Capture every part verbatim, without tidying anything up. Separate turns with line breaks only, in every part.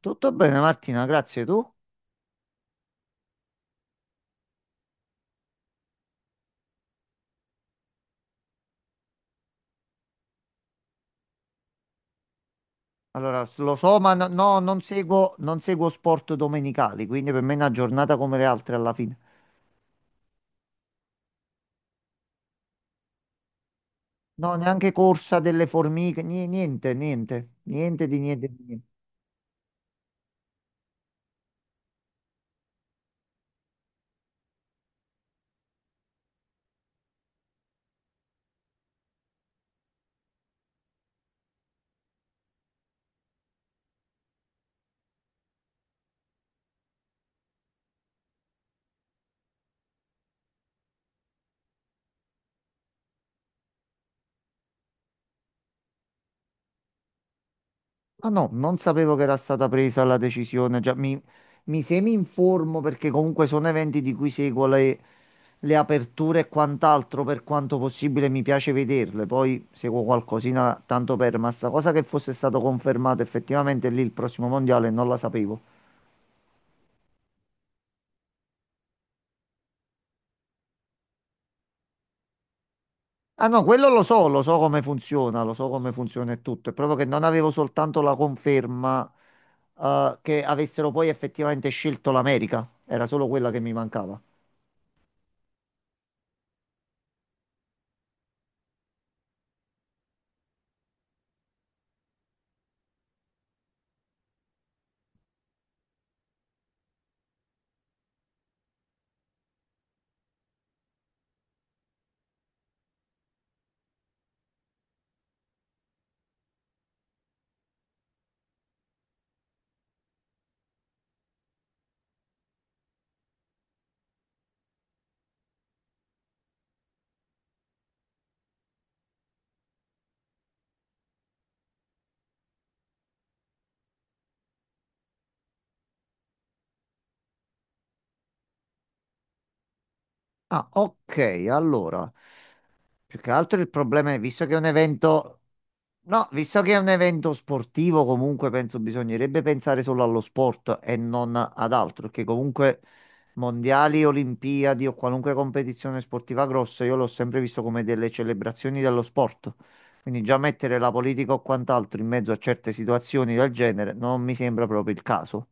Tutto bene, Martina, grazie. Tu? Allora, s- lo so, ma no, no, non seguo, non seguo sport domenicali, quindi per me è una giornata come le altre alla fine. No, neanche corsa delle formiche, ni- niente, niente, niente di niente di niente. Ah no, non sapevo che era stata presa la decisione. Già mi, mi semi informo perché comunque sono eventi di cui seguo le, le aperture e quant'altro. Per quanto possibile mi piace vederle, poi seguo qualcosina tanto per, ma sta cosa che fosse stato confermato effettivamente lì il prossimo mondiale non la sapevo. Ah no, quello lo so, lo so come funziona, lo so come funziona e tutto. È proprio che non avevo soltanto la conferma, eh, che avessero poi effettivamente scelto l'America, era solo quella che mi mancava. Ah, ok, allora, più che altro il problema è, visto che è un evento, no, visto che è un evento sportivo, comunque penso bisognerebbe pensare solo allo sport e non ad altro, perché comunque mondiali, olimpiadi o qualunque competizione sportiva grossa, io l'ho sempre visto come delle celebrazioni dello sport. Quindi già mettere la politica o quant'altro in mezzo a certe situazioni del genere non mi sembra proprio il caso.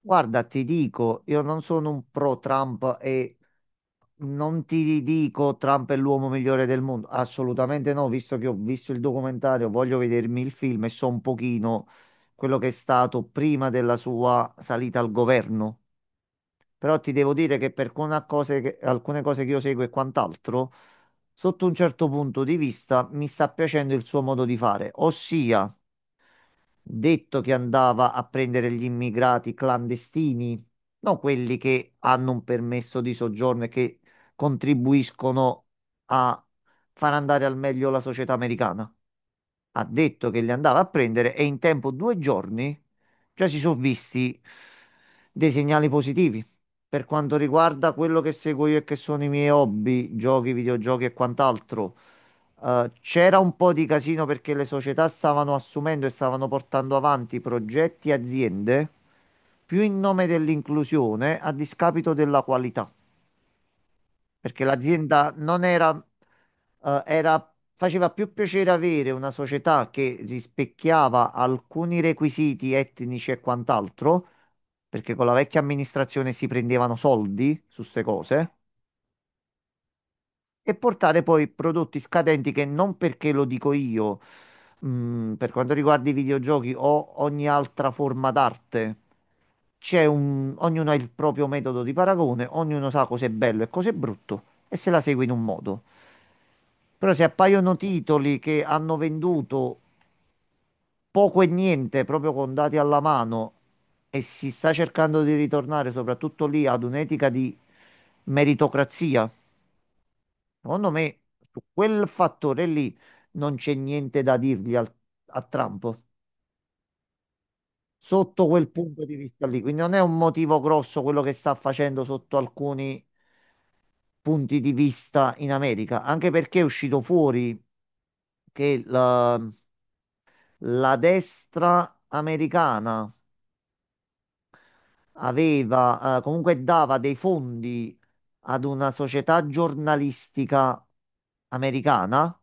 Guarda, ti dico, io non sono un pro Trump e non ti dico Trump è l'uomo migliore del mondo, assolutamente no, visto che ho visto il documentario, voglio vedermi il film e so un pochino quello che è stato prima della sua salita al governo. Però ti devo dire che per alcune cose che, alcune cose che io seguo e quant'altro, sotto un certo punto di vista, mi sta piacendo il suo modo di fare, ossia detto che andava a prendere gli immigrati clandestini, non quelli che hanno un permesso di soggiorno e che contribuiscono a far andare al meglio la società americana. Ha detto che li andava a prendere e in tempo due giorni già si sono visti dei segnali positivi. Per quanto riguarda quello che seguo io e che sono i miei hobby, giochi, videogiochi e quant'altro. Eh, c'era un po' di casino perché le società stavano assumendo e stavano portando avanti progetti e aziende più in nome dell'inclusione a discapito della qualità, perché l'azienda non era, eh, era- faceva più piacere avere una società che rispecchiava alcuni requisiti etnici e quant'altro, perché con la vecchia amministrazione si prendevano soldi su queste cose. E portare poi prodotti scadenti che non perché lo dico io. Mh, per quanto riguarda i videogiochi o ogni altra forma d'arte, c'è un, ognuno ha il proprio metodo di paragone, ognuno sa cos'è bello e cos'è brutto e se la segue in un modo. Però se appaiono titoli che hanno venduto poco e niente proprio con dati alla mano e si sta cercando di ritornare soprattutto lì ad un'etica di meritocrazia, secondo me, su quel fattore lì non c'è niente da dirgli al- a Trump, sotto quel punto di vista lì. Quindi non è un motivo grosso quello che sta facendo sotto alcuni punti di vista in America, anche perché è uscito fuori che la, la destra americana aveva, eh, comunque dava dei fondi ad una società giornalistica americana.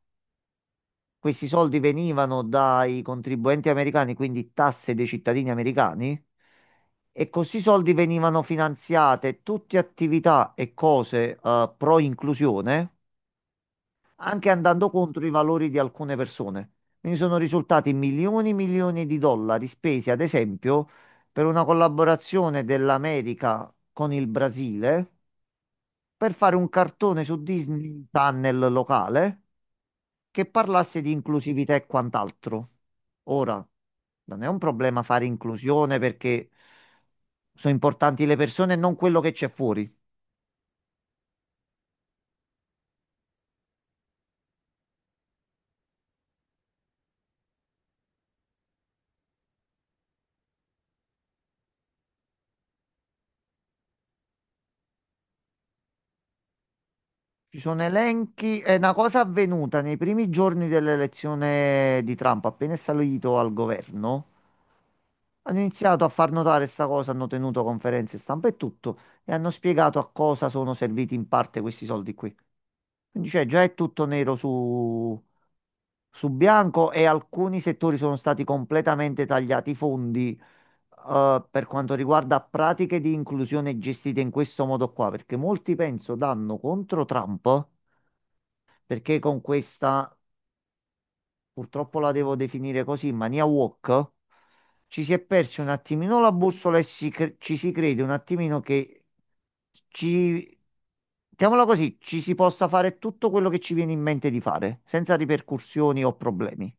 Questi soldi venivano dai contribuenti americani, quindi tasse dei cittadini americani, e questi soldi venivano finanziate tutte attività e cose eh, pro inclusione, anche andando contro i valori di alcune persone. Quindi sono risultati milioni e milioni di dollari spesi, ad esempio, per una collaborazione dell'America con il Brasile per fare un cartone su Disney Channel locale che parlasse di inclusività e quant'altro. Ora, non è un problema fare inclusione perché sono importanti le persone e non quello che c'è fuori. Ci sono elenchi, è una cosa avvenuta nei primi giorni dell'elezione di Trump, appena è salito al governo. Hanno iniziato a far notare questa cosa, hanno tenuto conferenze stampa e tutto, e hanno spiegato a cosa sono serviti in parte questi soldi qui. Quindi cioè, già è tutto nero su, su bianco e alcuni settori sono stati completamente tagliati i fondi eh, per quanto riguarda pratiche di inclusione gestite in questo modo qua, perché molti penso danno contro Trump perché con questa, purtroppo la devo definire così, in mania wok, ci si è persi un attimino la bussola e si cre- ci si crede un attimino che ci, mettiamola così, ci si possa fare tutto quello che ci viene in mente di fare, senza ripercussioni o problemi.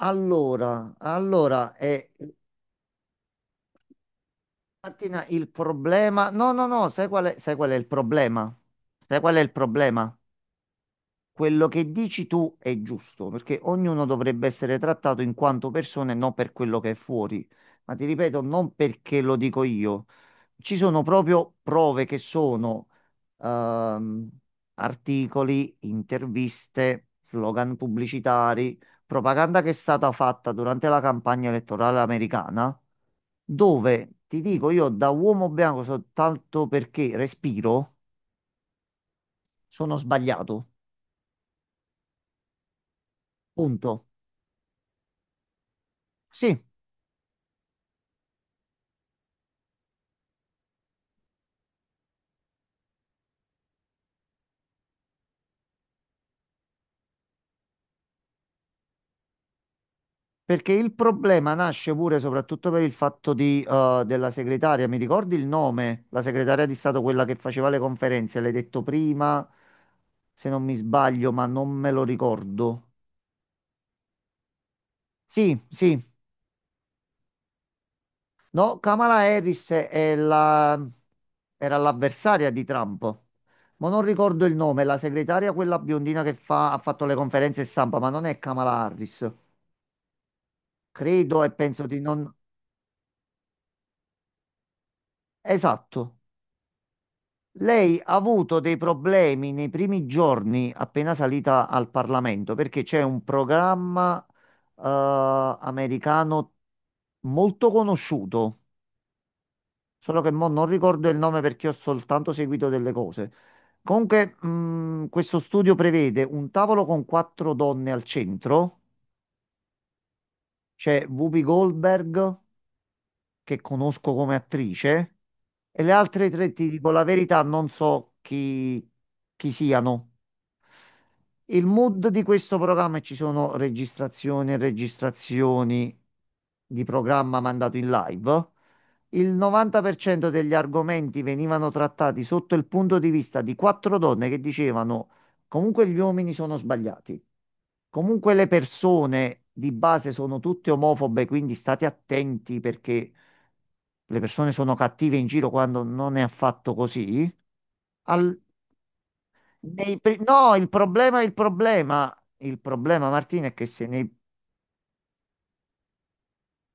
Allora, allora, eh, Martina, il problema... No, no, no, sai qual è, sai qual è il problema? Sai qual è il problema? Quello che dici tu è giusto, perché ognuno dovrebbe essere trattato in quanto persona e non per quello che è fuori. Ma ti ripeto, non perché lo dico io. Ci sono proprio prove che sono ehm, articoli, interviste, slogan pubblicitari, propaganda che è stata fatta durante la campagna elettorale americana, dove ti dico io da uomo bianco soltanto perché respiro, sono sbagliato. Punto. Sì. Perché il problema nasce pure soprattutto per il fatto di, eh, della segretaria. Mi ricordi il nome? La segretaria di Stato, quella che faceva le conferenze, l'hai detto prima, se non mi sbaglio, ma non me lo ricordo. Sì, sì. No, Kamala Harris è la- era l'avversaria di Trump. Ma non ricordo il nome, la segretaria, quella biondina che fa- ha fatto le conferenze stampa, ma non è Kamala Harris. Credo e penso di non... Esatto. Lei ha avuto dei problemi nei primi giorni appena salita al Parlamento perché c'è un programma eh, americano molto conosciuto, solo che mo non ricordo il nome perché ho soltanto seguito delle cose. Comunque, mh, questo studio prevede un tavolo con quattro donne al centro, c'è Whoopi Goldberg. Che conosco come attrice e le altre tre, ti dico la verità, non so chi, chi siano. Il mood di questo programma e ci sono registrazioni e registrazioni di programma mandato in live. Il novanta per cento degli argomenti venivano trattati sotto il punto di vista di quattro donne che dicevano comunque gli uomini sono sbagliati, comunque le persone di base sono tutte omofobe, quindi state attenti perché le persone sono cattive in giro quando non è affatto così. Al- nei pri- no, il problema, il problema, il problema, Martina, è che se nei...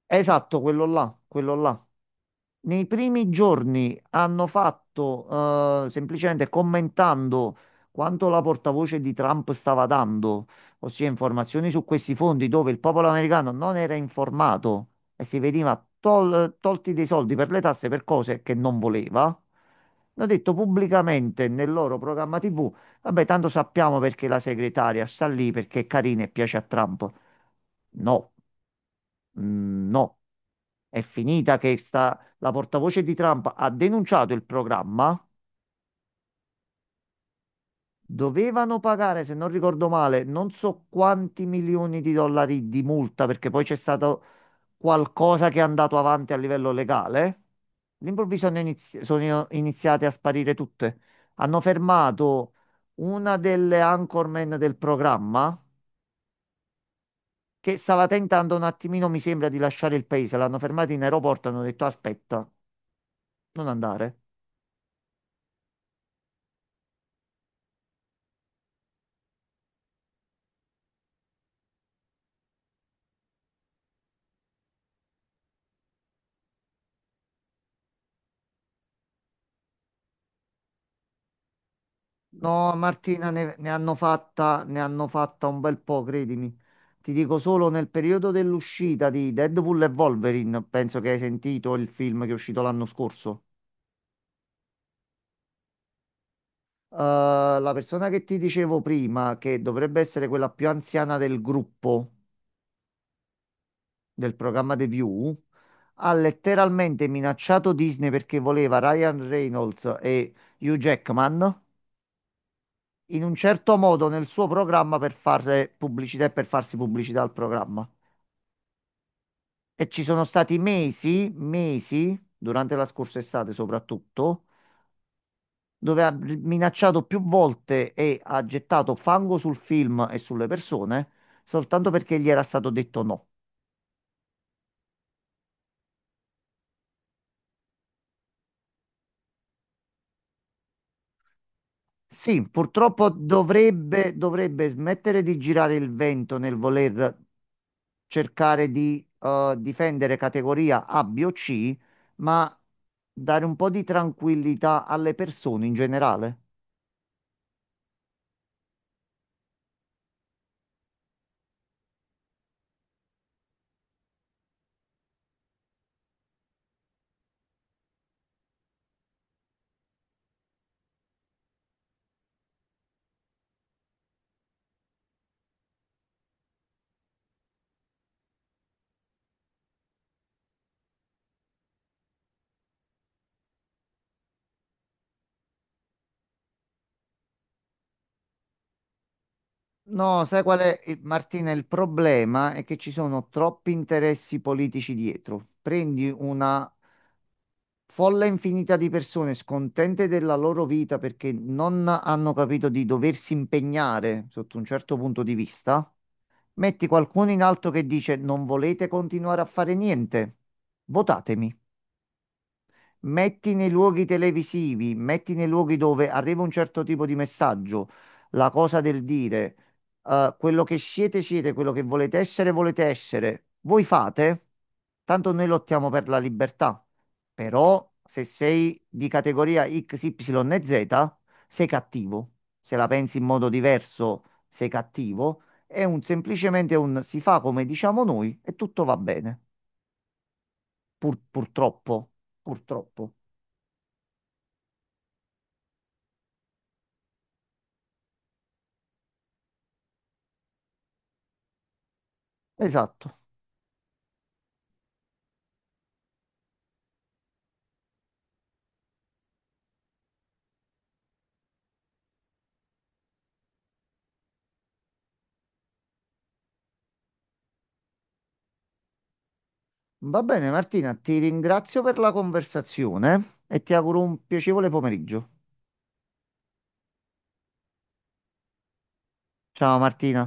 Esatto, quello là, quello là. Nei primi giorni hanno fatto, eh, semplicemente commentando quanto la portavoce di Trump stava dando, ossia informazioni su questi fondi dove il popolo americano non era informato e si veniva tol- tolti dei soldi per le tasse per cose che non voleva. Hanno detto pubblicamente nel loro programma T V, vabbè, tanto sappiamo perché la segretaria sta lì perché è carina e piace a Trump. No. Mm, no, è finita che sta... la portavoce di Trump ha denunciato il programma. Dovevano pagare, se non ricordo male, non so quanti milioni di dollari di multa perché poi c'è stato qualcosa che è andato avanti a livello legale. All'improvviso hanno inizi- sono iniziate a sparire tutte. Hanno fermato una delle anchorman del programma che stava tentando un attimino, mi sembra, di lasciare il paese. L'hanno fermata in aeroporto, hanno detto aspetta, non andare. No, Martina, ne, ne hanno fatta, ne hanno fatta un bel po', credimi. Ti dico solo nel periodo dell'uscita di Deadpool e Wolverine, penso che hai sentito il film che è uscito l'anno scorso. Eh, la persona che ti dicevo prima, che dovrebbe essere quella più anziana del gruppo del programma The View, ha letteralmente minacciato Disney perché voleva Ryan Reynolds e Hugh Jackman in un certo modo nel suo programma per fare pubblicità e per farsi pubblicità al programma. E ci sono stati mesi, mesi, durante la scorsa estate soprattutto, dove ha minacciato più volte e ha gettato fango sul film e sulle persone, soltanto perché gli era stato detto no. Sì, purtroppo dovrebbe, dovrebbe smettere di girare il vento nel voler cercare di eh, difendere categoria A, B o C, ma dare un po' di tranquillità alle persone in generale. No, sai qual è, eh, Martina? Il problema è che ci sono troppi interessi politici dietro. Prendi una folla infinita di persone scontente della loro vita perché non hanno capito di doversi impegnare sotto un certo punto di vista. Metti qualcuno in alto che dice non volete continuare a fare niente, votatemi. Metti nei luoghi televisivi, metti nei luoghi dove arriva un certo tipo di messaggio, la cosa del dire, eh, quello che siete, siete, quello che volete essere, volete essere, voi fate, tanto noi lottiamo per la libertà. Però se sei di categoria X, Y e Z, sei cattivo. Se la pensi in modo diverso, sei cattivo. È un, semplicemente un si fa come diciamo noi e tutto va bene. Pur- purtroppo, purtroppo. Esatto. Va bene, Martina, ti ringrazio per la conversazione e ti auguro un piacevole pomeriggio. Ciao, Martina.